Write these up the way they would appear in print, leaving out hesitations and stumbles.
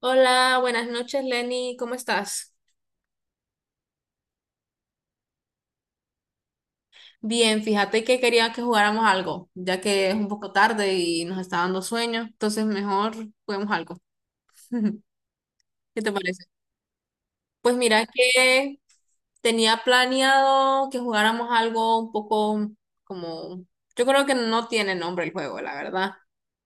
Hola, buenas noches, Lenny, ¿cómo estás? Bien, fíjate que quería que jugáramos algo, ya que es un poco tarde y nos está dando sueño, entonces mejor juguemos algo. ¿Qué te parece? Pues mira que tenía planeado que jugáramos algo un poco como, yo creo que no tiene nombre el juego, la verdad.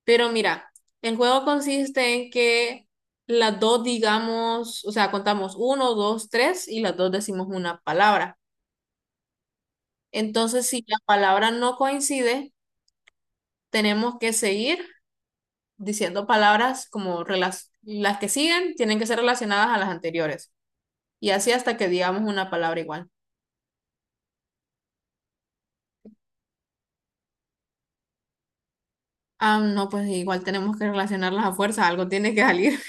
Pero mira, el juego consiste en que las dos digamos, o sea, contamos uno, dos, tres y las dos decimos una palabra. Entonces, si la palabra no coincide, tenemos que seguir diciendo palabras las que siguen tienen que ser relacionadas a las anteriores. Y así hasta que digamos una palabra igual. Ah, no, pues igual tenemos que relacionarlas a fuerza, algo tiene que salir.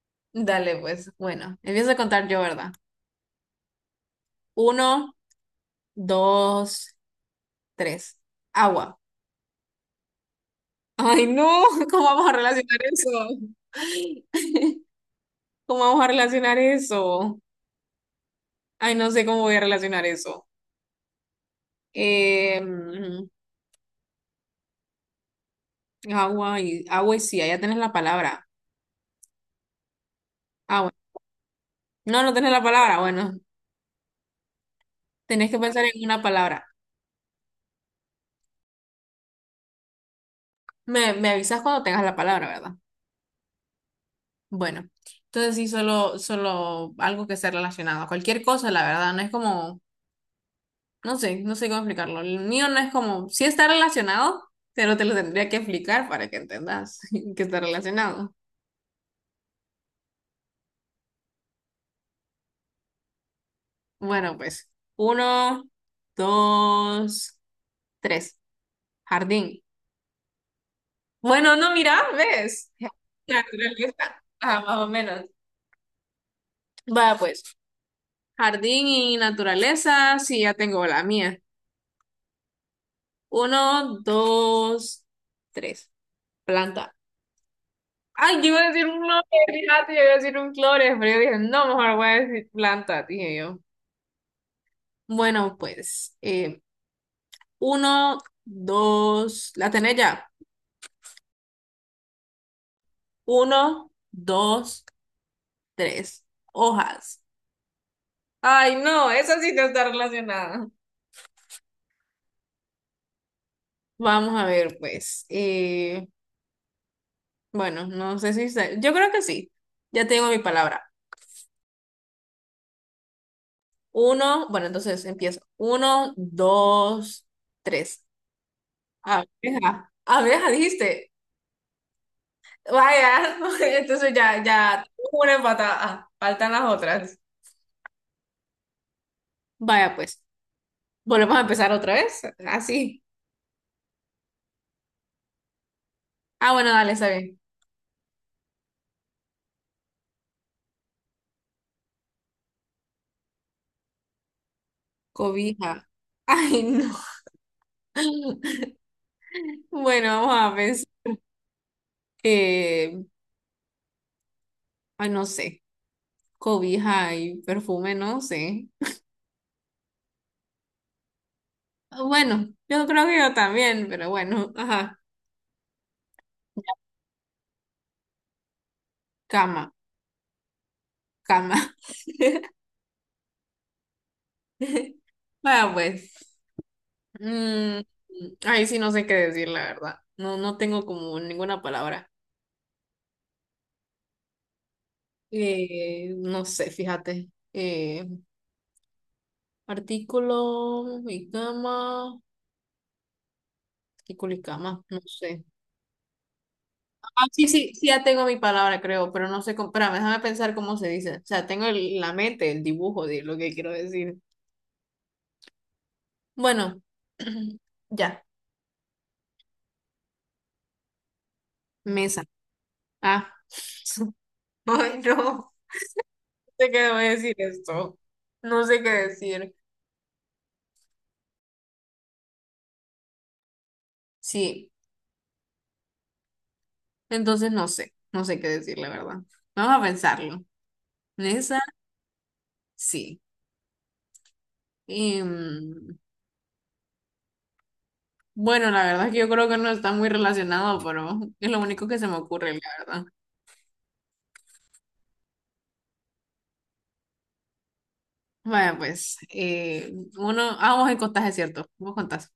Dale, pues, bueno, empiezo a contar yo, ¿verdad? Uno, dos, tres. Agua. Ay, no, ¿cómo vamos a relacionar eso? ¿Cómo vamos a relacionar eso? Ay, no sé cómo voy a relacionar eso. Em, Agua y agua y sí, ya tenés la palabra. Agua. No, no tenés la palabra. Bueno, tenés que pensar en una palabra. Me avisas cuando tengas la palabra, ¿verdad? Bueno, entonces sí, solo algo que sea relacionado. Cualquier cosa, la verdad, no es como, no sé, no sé cómo explicarlo. El mío no es como, sí está relacionado, pero te lo tendría que explicar para que entendas que está relacionado. Bueno, pues, uno, dos, tres. Jardín. Bueno, no, mira, ¿ves? Naturaleza. Ah, más o menos. Va, pues, jardín y naturaleza, sí, ya tengo la mía. Uno, dos, tres. Planta. Ay, yo iba a decir un flores, fíjate, yo iba a decir un flores, pero yo dije, no, mejor voy a decir planta, dije yo. Bueno, pues, uno, dos, la tenés ya. Uno, dos, tres. Hojas. Ay, no, esa sí no está relacionada. Vamos a ver, pues. Bueno, no sé si sé. Yo creo que sí. Ya tengo mi palabra. Uno, bueno, entonces empiezo. Uno, dos, tres. Abeja. Abeja, dijiste. Vaya, entonces una empatada. Faltan las otras. Vaya, pues. Volvemos a empezar otra vez. Así. Ah, bueno, dale, está bien. Cobija. Ay, no. Bueno, vamos a pensar. eh, ay, no sé. Cobija y perfume, no sé. Ah, bueno, yo creo que yo también, pero bueno, ajá, cama, cama. Bueno, pues, mm, ahí sí no sé qué decir, la verdad. No, no tengo como ninguna palabra. No sé, fíjate. Artículo y cama, artículo y cama, no sé. Ah, sí, sí, sí, ya tengo mi palabra, creo, pero no sé cómo, espérame, déjame pensar cómo se dice. O sea, la mente, el dibujo de lo que quiero decir. Bueno, ya, mesa. Ah, Ay, no. No sé qué debo decir esto. No sé qué decir. Sí, entonces no sé, no sé qué decir, la verdad. Vamos a pensarlo. Mesa, sí. Y, bueno, la verdad es que yo creo que no está muy relacionado, pero es lo único que se me ocurre, la verdad. Vaya, pues, uno, ah, vos en contás, es cierto, vos contás.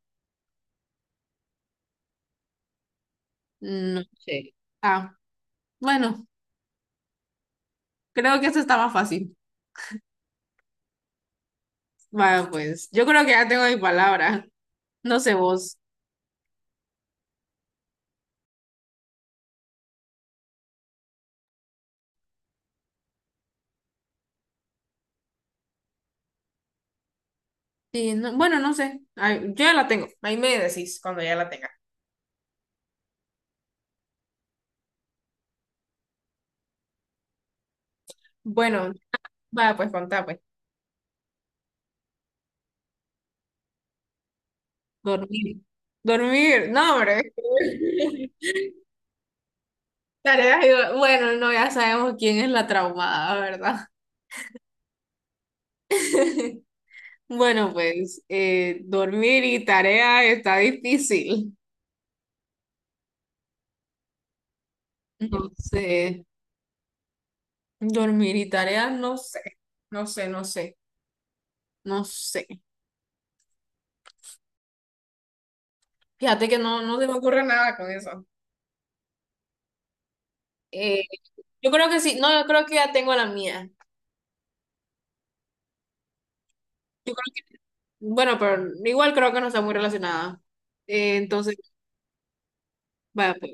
No sé. Ah, bueno, creo que esto está más fácil. Va, pues yo creo que ya tengo mi palabra. No sé vos. Sí, bueno, no sé. Ay, yo ya la tengo. Ahí me decís cuando ya la tenga. Bueno, va, pues contá, pues. Dormir. Dormir. No, hombre. Tareas y- bueno, no, ya sabemos quién es la traumada, ¿verdad? Bueno, pues dormir y tarea está difícil. No sé. Dormir y tarea, no sé. No sé, no sé. No sé. Fíjate que no, no se me ocurre nada con eso. Eh, yo creo que sí, no, yo creo que ya tengo la mía. Yo creo que, bueno, pero igual creo que no está muy relacionada. Entonces, vaya, pues,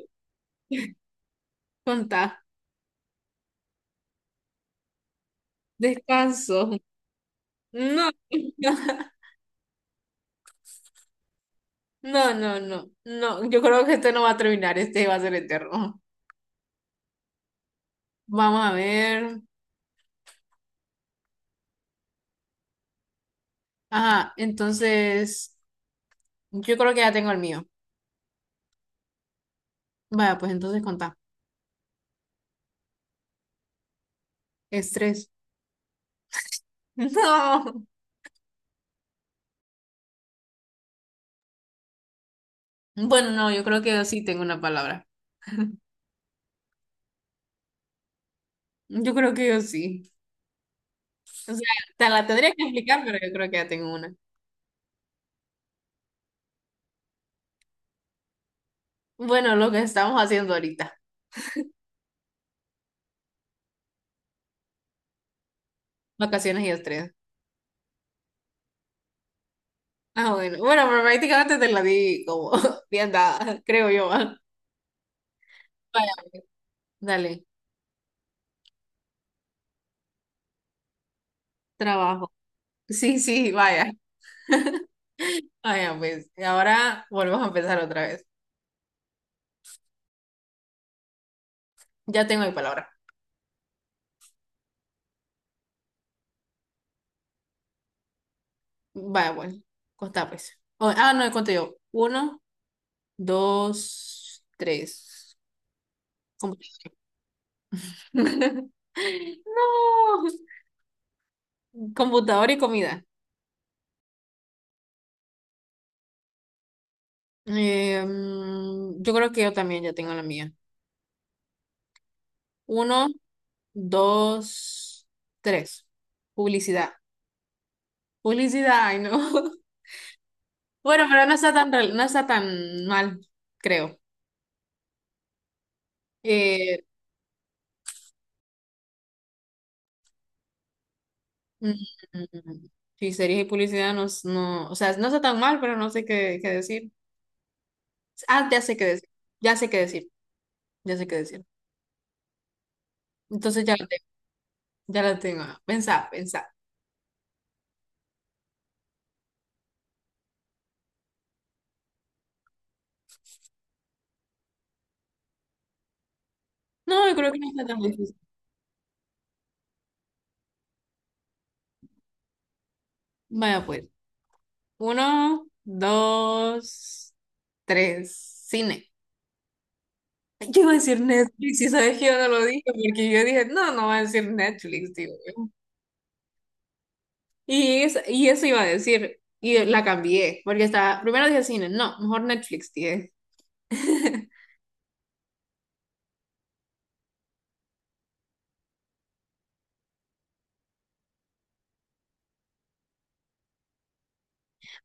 contá. Descanso. No, no, no, no, no. Yo creo que este no va a terminar, este va a ser eterno. Vamos a ver. Ajá, entonces, yo creo que ya tengo el mío. Vaya, pues entonces contá. Estrés. No. Bueno, no, yo creo que yo sí tengo una palabra. Yo creo que yo sí. O sea, te la tendría que explicar, pero yo creo que ya tengo una. Bueno, lo que estamos haciendo ahorita, vacaciones y estrés. Ah, bueno. Bueno, pero prácticamente te la di como bien dada, creo yo. Ah. Vaya, pues, dale, trabajo. Sí, sí, vaya. Vaya, pues, y ahora volvemos a empezar otra vez. Ya tengo mi palabra. Vaya, bueno, contá pues. O- ah, no, cuento yo. Uno, dos, tres. Compu- No, computador y comida. Yo creo que yo también ya tengo la mía. Uno, dos, tres. Publicidad. Publicidad, ay no. Bueno, pero no está tan mal, creo. Eh, mm, mm, sí, series y publicidad no, no, o sea, no está tan mal, pero no sé qué, qué decir. Ah, ya sé qué decir. Ya sé qué decir. Ya sé qué decir. Entonces ya la tengo, ya la tengo. Pensá, pensá. No, yo creo que no está tan difícil. Vaya pues. Uno, dos, tres. Cine. Yo iba a decir Netflix y sabes que yo no lo dije porque yo dije, no, no va a decir Netflix, digo. Y eso iba a decir. Y la cambié porque estaba, primero dije cine, no, mejor Netflix, dije.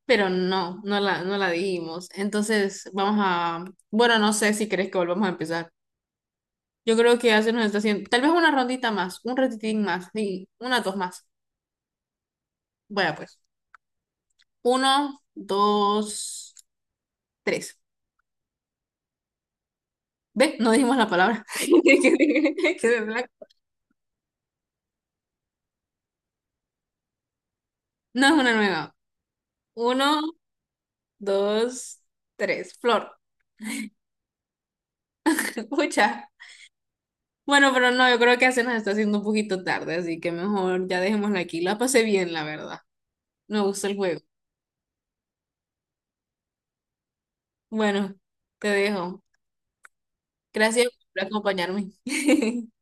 Pero no, no la dijimos. Entonces, vamos a, bueno, no sé si crees que volvamos a empezar. Yo creo que ya se nos está haciendo, tal vez una rondita más, un ratitín más, sí, una, dos más. Bueno, pues, uno, dos, tres. Ve, no dijimos la palabra. Quedé en blanco. No es una nueva. Uno, dos, tres. Flor. Pucha. Bueno, pero no, yo creo que ya se nos está haciendo un poquito tarde, así que mejor ya dejémosla aquí. La pasé bien, la verdad. Me gusta el juego. Bueno, te dejo. Gracias por acompañarme.